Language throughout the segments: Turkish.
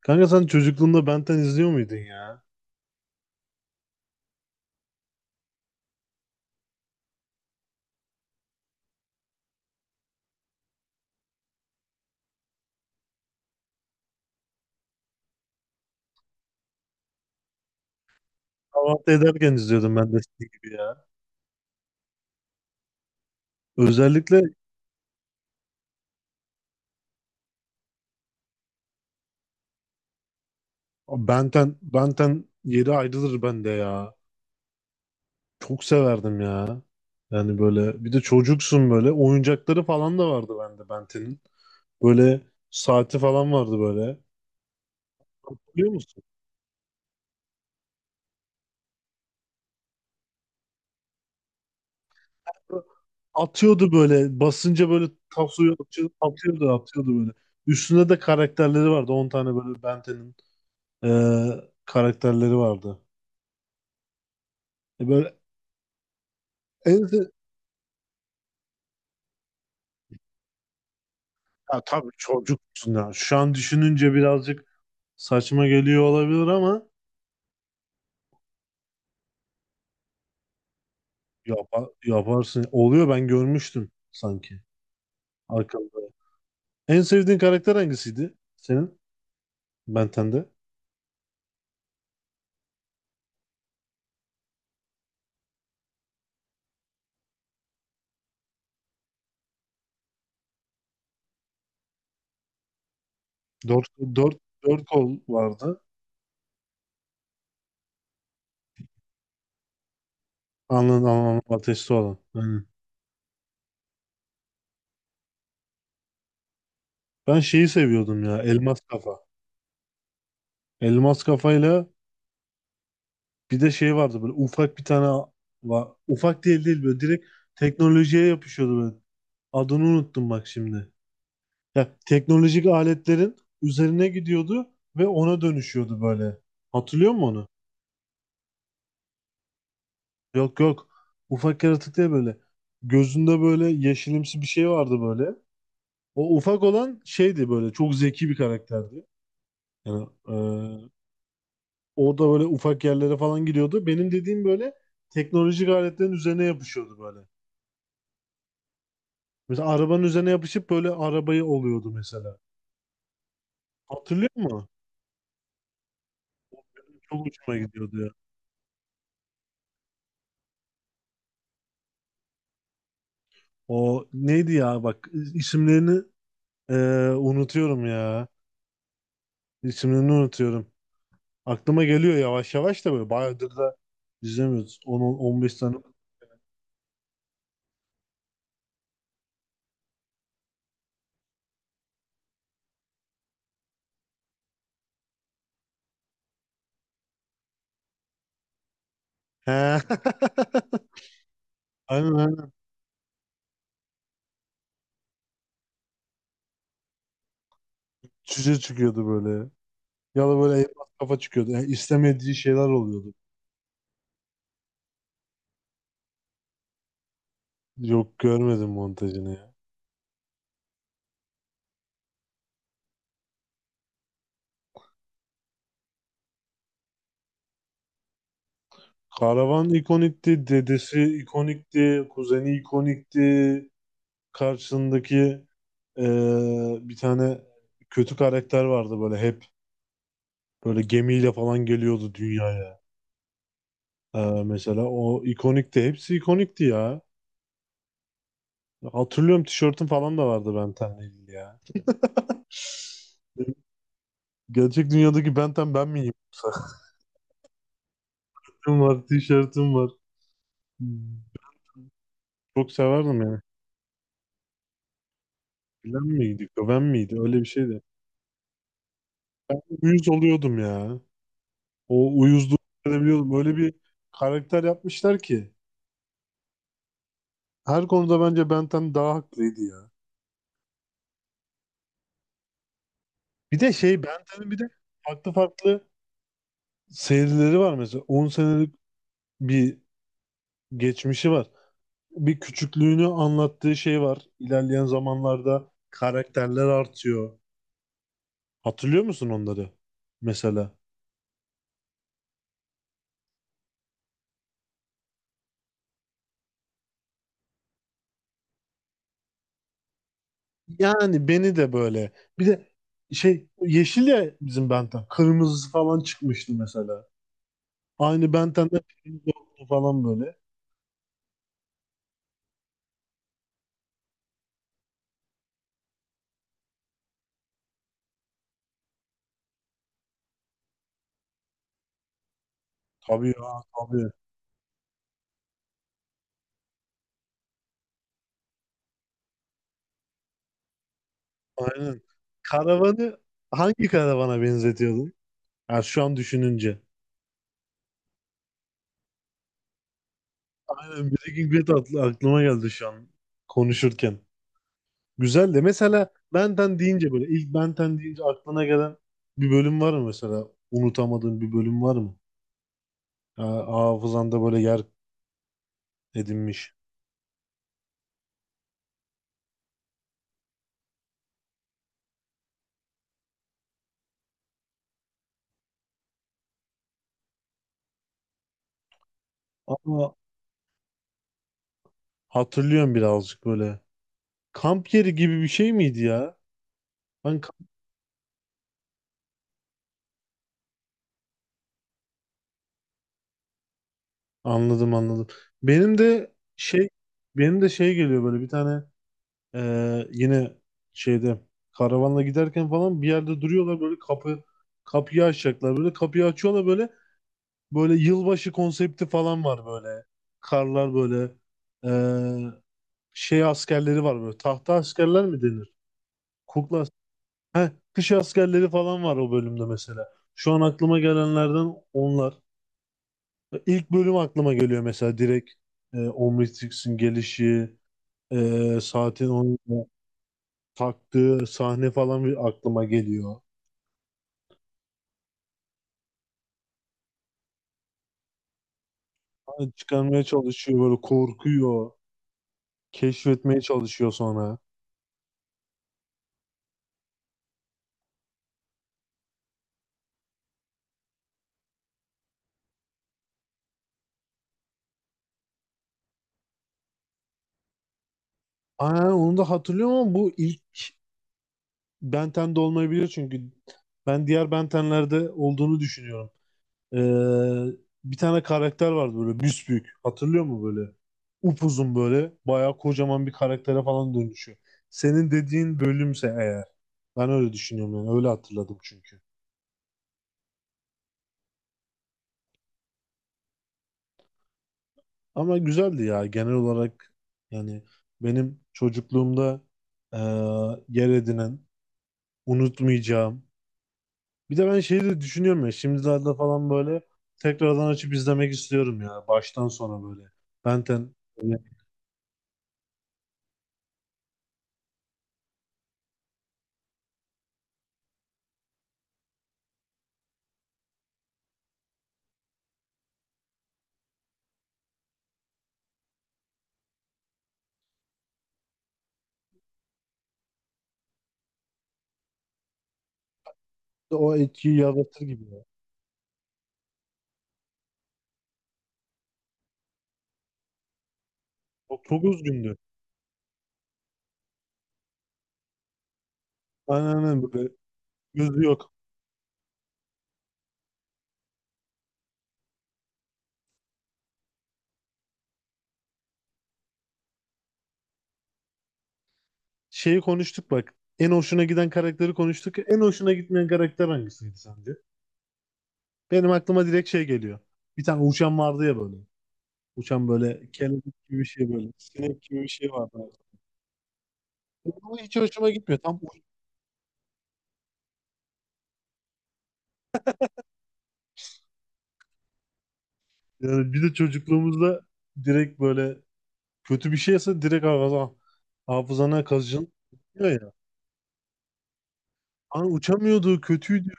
Kanka sen çocukluğunda Benten izliyor muydun ya? Kahvaltı ederken izliyordum ben de senin gibi ya. Özellikle Benten, Benten yeri ayrılır bende ya. Çok severdim ya. Yani böyle bir de çocuksun böyle. Oyuncakları falan da vardı bende Benten'in. Böyle saati falan vardı böyle. Hatırlıyor musun? Atıyordu böyle basınca böyle tavsuyu atıyordu, atıyordu atıyordu böyle. Üstünde de karakterleri vardı. 10 tane böyle Benten'in karakterleri vardı. E böyle. En se- Ya tabii çocuksun ya. Şu an düşününce birazcık saçma geliyor olabilir ama yaparsın. Oluyor, ben görmüştüm sanki arkamda. En sevdiğin karakter hangisiydi senin? Benten'de. Dört, dört, dört kol vardı. Anladım, anladım. Ateşli olan. Aynen. Ben şeyi seviyordum ya. Elmas kafa. Elmas kafayla bir de şey vardı böyle, ufak bir tane. Ufak değil böyle, direkt teknolojiye yapışıyordu böyle. Adını unuttum bak şimdi. Ya, teknolojik aletlerin üzerine gidiyordu ve ona dönüşüyordu böyle. Hatırlıyor musun onu? Yok, yok. Ufak yaratık değil böyle. Gözünde böyle yeşilimsi bir şey vardı böyle. O ufak olan şeydi böyle. Çok zeki bir karakterdi. Yani o da böyle ufak yerlere falan gidiyordu. Benim dediğim böyle teknolojik aletlerin üzerine yapışıyordu böyle. Mesela arabanın üzerine yapışıp böyle arabayı oluyordu mesela. Hatırlıyor musun? Çok hoşuma gidiyordu ya. O neydi ya bak, isimlerini Ee, unutuyorum ya. İsimlerini unutuyorum. Aklıma geliyor yavaş yavaş da böyle. Bayağıdır da izlemiyoruz. 10-15 tane. He. Aynen, aynen. Cüce çıkıyordu böyle. Ya da böyle elmas kafa çıkıyordu. Yani istemediği şeyler oluyordu. Yok, görmedim montajını ya. Karavan ikonikti. Dedesi ikonikti. Kuzeni ikonikti. Karşısındaki bir tane kötü karakter vardı böyle hep. Böyle gemiyle falan geliyordu dünyaya. Ee, Mesela o ikonikti. Hepsi ikonikti ya. Hatırlıyorum, tişörtüm falan da vardı Ben Ten'le ilgili ya. Gerçek dünyadaki Ben Ten ben miyim? Sakalım var, tişörtüm var. Çok severdim yani. Bilen miydik, ben miydi? Öyle bir şeydi. Uyuz oluyordum ya. O uyuzluğu hissedebiliyordum. Öyle bir karakter yapmışlar ki. Her konuda bence Ben Ten daha haklıydı ya. Bir de şey, Ben Ten'in bir de farklı farklı serileri var mesela. 10 senelik bir geçmişi var. Bir küçüklüğünü anlattığı şey var. İlerleyen zamanlarda karakterler artıyor. Hatırlıyor musun onları? Mesela. Yani beni de böyle. Bir de şey, yeşil ya bizim Benten. Kırmızısı falan çıkmıştı mesela. Aynı Benten'de kırmızı oldu falan böyle. Tabii ya, tabii. Aynen. Karavanı hangi karavana benzetiyordun? Yani şu an düşününce. Aynen, Breaking Bad aklıma geldi şu an konuşurken. Güzel, de mesela Benten deyince, böyle ilk Benten deyince aklına gelen bir bölüm var mı mesela? Unutamadığın bir bölüm var mı? Ya, hafızanda böyle yer edinmiş. Ama hatırlıyorum birazcık böyle. Kamp yeri gibi bir şey miydi ya? Ben kamp- Anladım, anladım. Benim de şey benim de şey geliyor böyle, bir tane yine şeyde, karavanla giderken falan bir yerde duruyorlar böyle, kapıyı açacaklar, böyle kapıyı açıyorlar böyle. Böyle yılbaşı konsepti falan var böyle. Karlar böyle eee, şey askerleri var böyle. Tahta askerler mi denir? Kukla as- Heh, kış askerleri falan var o bölümde mesela. Şu an aklıma gelenlerden onlar. İlk bölüm aklıma geliyor mesela direkt. Omnitrix'in gelişi, saatin, onun taktığı sahne falan bir aklıma geliyor. Hani çıkarmaya çalışıyor böyle, korkuyor. Keşfetmeye çalışıyor sonra. Aynen, onu da hatırlıyorum ama bu ilk Ben Ten de olmayabilir, çünkü ben diğer Benten'lerde olduğunu düşünüyorum. Ee, bir tane karakter vardı böyle, büsbük. Hatırlıyor mu böyle? Upuzun böyle, bayağı kocaman bir karaktere falan dönüşüyor. Senin dediğin bölümse eğer. Ben öyle düşünüyorum yani, öyle hatırladım çünkü. Ama güzeldi ya genel olarak, yani benim çocukluğumda eee, yer edinen, unutmayacağım. Bir de ben şeyi de düşünüyorum ya, şimdilerde falan böyle tekrardan açıp izlemek istiyorum ya, baştan sona böyle. Benten yani o etkiyi yaratır gibi ya. Çok, çok üzgündü. Aynen, aynen böyle, yüzü yok. Şeyi konuştuk bak. En hoşuna giden karakteri konuştuk. En hoşuna gitmeyen karakter hangisiydi sence? Benim aklıma direkt şey geliyor. Bir tane uçan vardı ya böyle. Uçan böyle kelebek gibi bir şey böyle. Sinek gibi bir şey vardı. Bu hiç hoşuma gitmiyor. Tam yani, bir de çocukluğumuzda direkt böyle, kötü bir şeyse direkt hafızana kazıcın. Ya, ya. Hani uçamıyordu, kötüydü.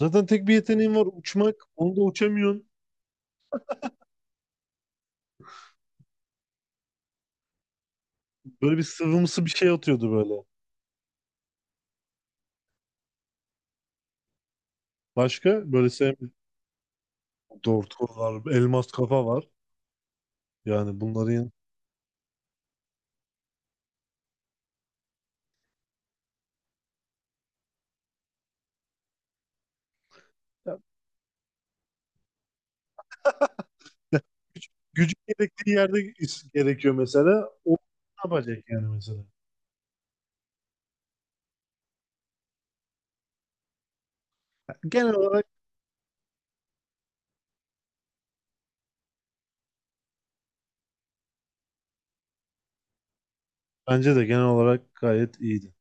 Zaten tek bir yeteneğin var, uçmak. Onu da uçamıyorsun. Böyle bir sıvımsı bir şey atıyordu böyle. Başka böyle sevmediğim Dorto var, elmas kafa var. Yani bunların ya, ya, güç, gücün gerektiği yerde gerekiyor mesela. O ne yapacak yani mesela? Genel olarak, bence de genel olarak gayet iyiydi.